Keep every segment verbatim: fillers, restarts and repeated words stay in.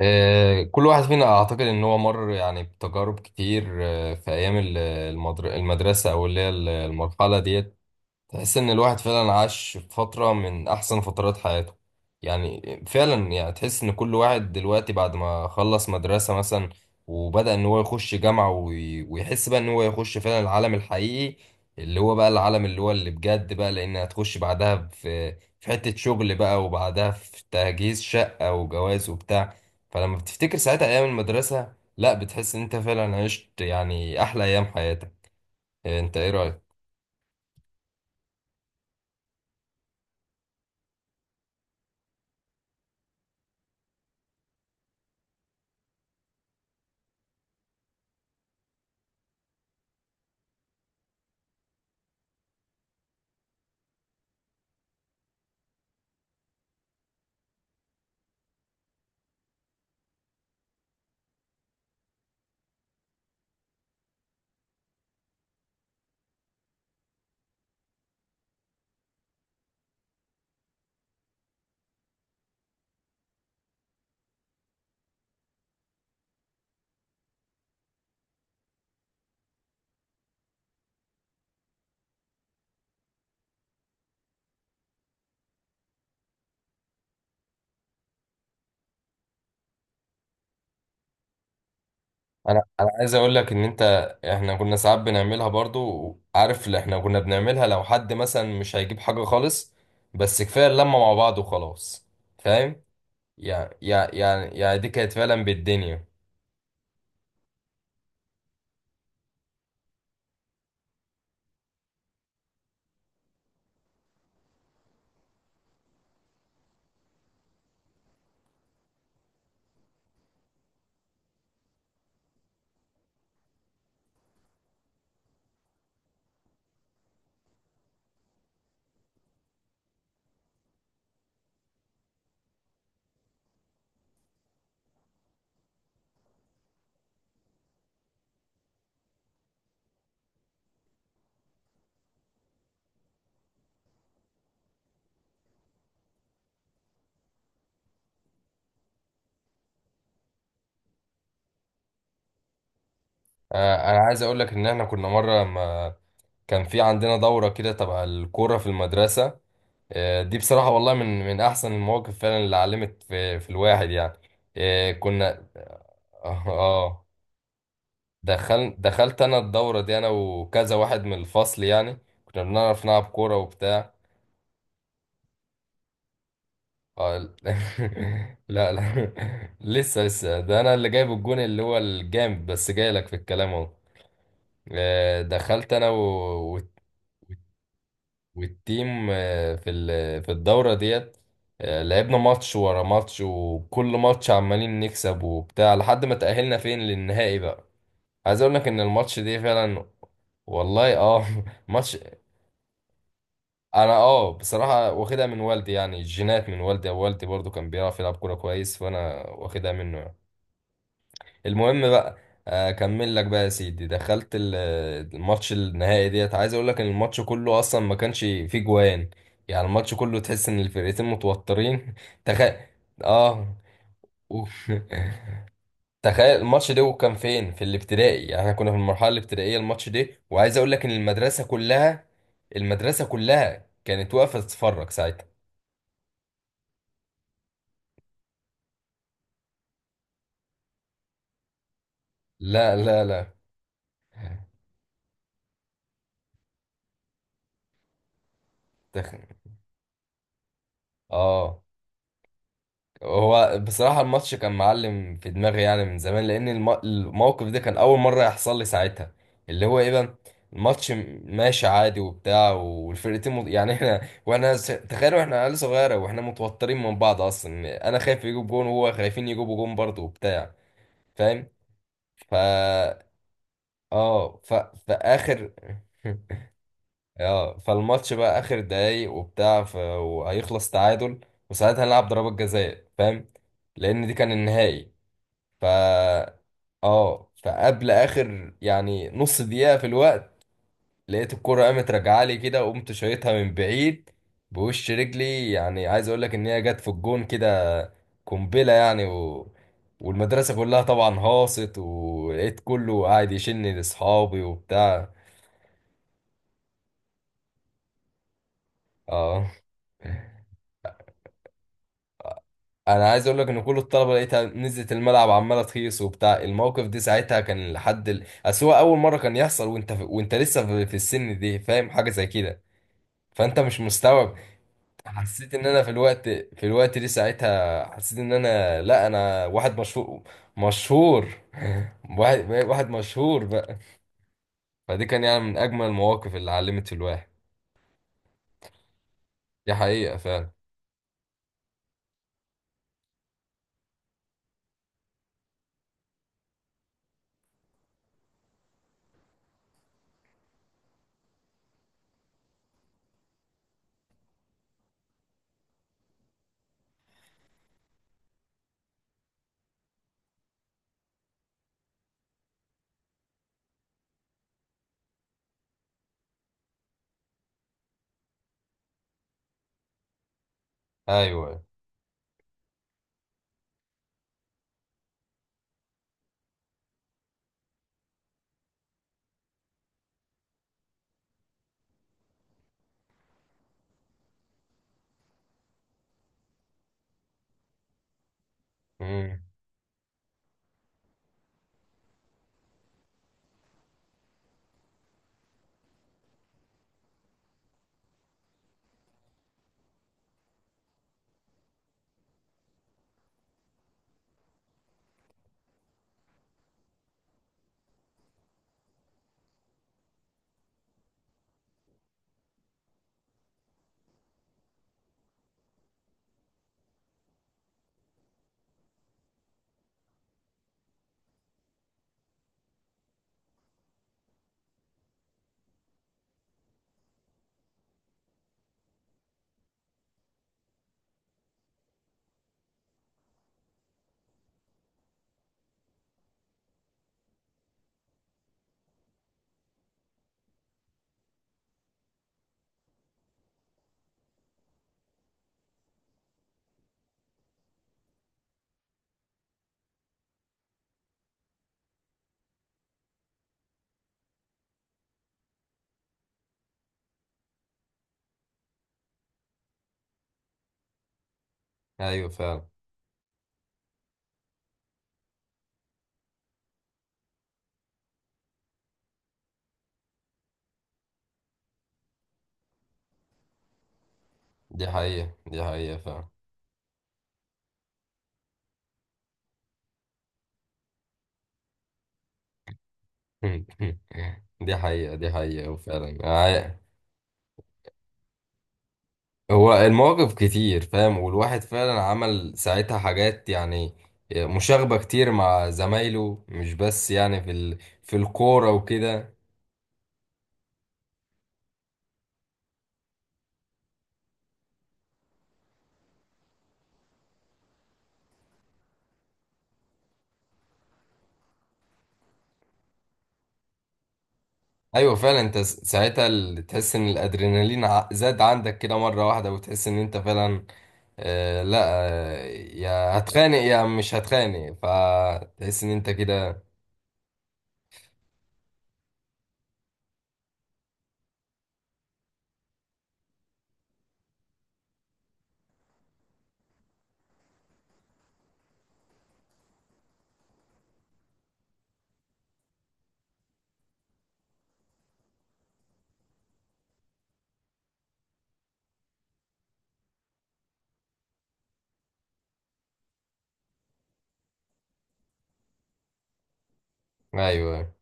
آه، كل واحد فينا اعتقد ان هو مر يعني بتجارب كتير، آه، في ايام ال- المدر- المدرسه او اللي هي ال- المرحله ديت. تحس ان الواحد فعلا عاش في فترة من احسن فترات حياته. يعني فعلا يعني تحس ان كل واحد دلوقتي بعد ما خلص مدرسة مثلا وبدأ ان هو يخش جامعة وي- ويحس بقى ان هو يخش فعلا العالم الحقيقي، اللي هو بقى العالم اللي هو اللي بجد بقى، لان هتخش بعدها في في حتة شغل بقى، وبعدها في تجهيز شقة وجواز وبتاع. فلما بتفتكر ساعتها ايام المدرسة، لا بتحس ان انت فعلا عشت يعني احلى ايام حياتك. إيه، انت ايه رأيك؟ انا انا عايز اقول لك ان انت، احنا كنا ساعات بنعملها برضو، عارف اللي احنا كنا بنعملها؟ لو حد مثلا مش هيجيب حاجة خالص، بس كفاية اللمة مع بعض وخلاص. فاهم؟ يعني يعني يعني يعني دي كانت فعلا بالدنيا. آه، انا عايز اقول لك ان احنا كنا مرة ما كان في عندنا دورة كده تبع الكورة في المدرسة. آه، دي بصراحة والله من من احسن المواقف فعلا اللي علمت في في الواحد يعني. آه، كنا اه. دخل دخلت انا الدورة دي انا وكذا واحد من الفصل يعني، كنا بنعرف نلعب كورة وبتاع. آه، ال- لا لا، لسه لسه ده انا اللي جايب الجون اللي هو الجامد، بس جاي لك في الكلام اهو. آه، دخلت انا و- والتيم آه، في ال- في الدورة ديت. آه، لعبنا ماتش ورا ماتش، وكل ماتش عمالين نكسب وبتاع لحد ما تأهلنا فين للنهائي بقى. عايز اقول لك ان الماتش دي فعلا، والله اه ماتش. انا اه بصراحه واخدها من والدي يعني، الجينات من والدي، او والدي برضو كان بيعرف يلعب كوره كويس، فانا واخدها منه يعني. المهم بقى، آه، اكمل لك بقى يا سيدي. دخلت ال- الماتش النهائي ديت. عايز اقول لك ان الماتش كله اصلا ما كانش فيه جوان، يعني الماتش كله تحس ان الفرقتين متوترين تخيل. اه. أوف. تخيل الماتش ده كان فين؟ في الابتدائي، يعني احنا كنا في المرحله الابتدائيه الماتش ده. وعايز اقول لك ان المدرسه كلها، المدرسه كلها كانت واقفه تتفرج ساعتها. لا لا لا. تخن. اه. هو بصراحة الماتش كان معلم في دماغي يعني من زمان، لأن الم... الموقف ده كان أول مرة يحصل لي ساعتها. اللي هو إيه بقى؟ الماتش م- ماشي عادي وبتاع، والفرقتين مت... يعني إحنا وإحنا س... تخيلوا إحنا عيال صغيرة وإحنا متوترين من بعض أصلا، أنا خايف يجيب جون وهو خايفين يجيبوا جون برضه وبتاع. فاهم؟ فا، آه ف... فآخر. اه، فالماتش بقى اخر دقايق وبتاع ف... وهيخلص تعادل، وساعتها هنلعب ضربات جزاء، فاهم، لان دي كان النهائي. ف اه، فقبل اخر يعني نص دقيقة في الوقت، لقيت الكرة قامت راجعة لي كده، وقمت شايطها من بعيد بوش رجلي، يعني عايز اقول لك ان هي جت في الجون كده قنبلة يعني و... والمدرسة كلها طبعا هاصت، ولقيت كله قاعد يشني لاصحابي وبتاع. اه. انا عايز اقول لك ان كل الطلبه لقيتها نزلت الملعب عماله تخيص وبتاع. الموقف دي ساعتها كان لحد ال... اصل هو اول مره كان يحصل، وانت في... وانت لسه في... في السن دي فاهم حاجه زي كده، فانت مش مستوعب. حسيت ان انا في الوقت، في الوقت دي ساعتها حسيت ان انا، لا، انا واحد مشهور. مشهور. واحد واحد مشهور بقى. فدي كان يعني من اجمل المواقف اللي علمت في الواحد. دي حقيقه فعلا. ايوه. امم. ايوه فعلا. دي حقيقه، دي حقيقه فعلا. دي حقيقة، دي حقيقة وفعلا عا- هو المواقف كتير فاهم، والواحد فعلا عمل ساعتها حاجات يعني مشاغبة كتير مع زمايله، مش بس يعني في ال... في الكورة وكده. أيوة فعلا. أنت س- ساعتها ال- تحس إن الأدرينالين ع- زاد عندك كده مرة واحدة، وتحس إن أنت فعلا، آه لا، آه، يا هتخانق يا مش هتخانق، فتحس إن أنت كده. أيوة.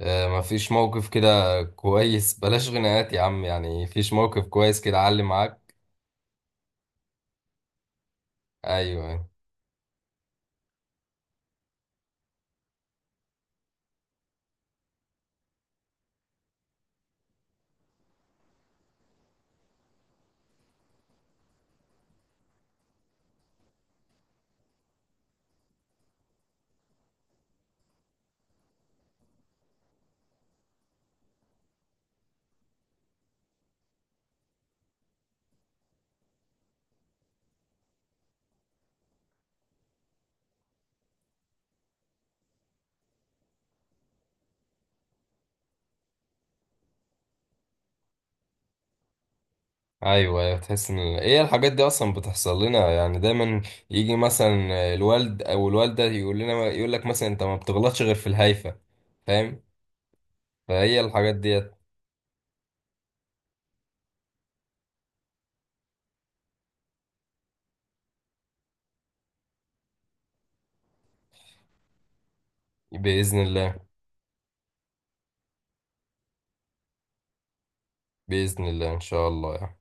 آه، مفيش موقف كده كويس؟ بلاش غناءات يا عم، يعني مفيش موقف كويس كده علم معاك؟ ايوه. ايوه ايوه تحس ان ايه الحاجات دي اصلا بتحصل لنا يعني دايما. يجي مثلا الوالد او الوالده يقول لنا، يقول لك مثلا، انت ما بتغلطش غير في الهايفه. فاهم؟ فهي الحاجات ديت. باذن الله، باذن الله ان شاء الله يعني.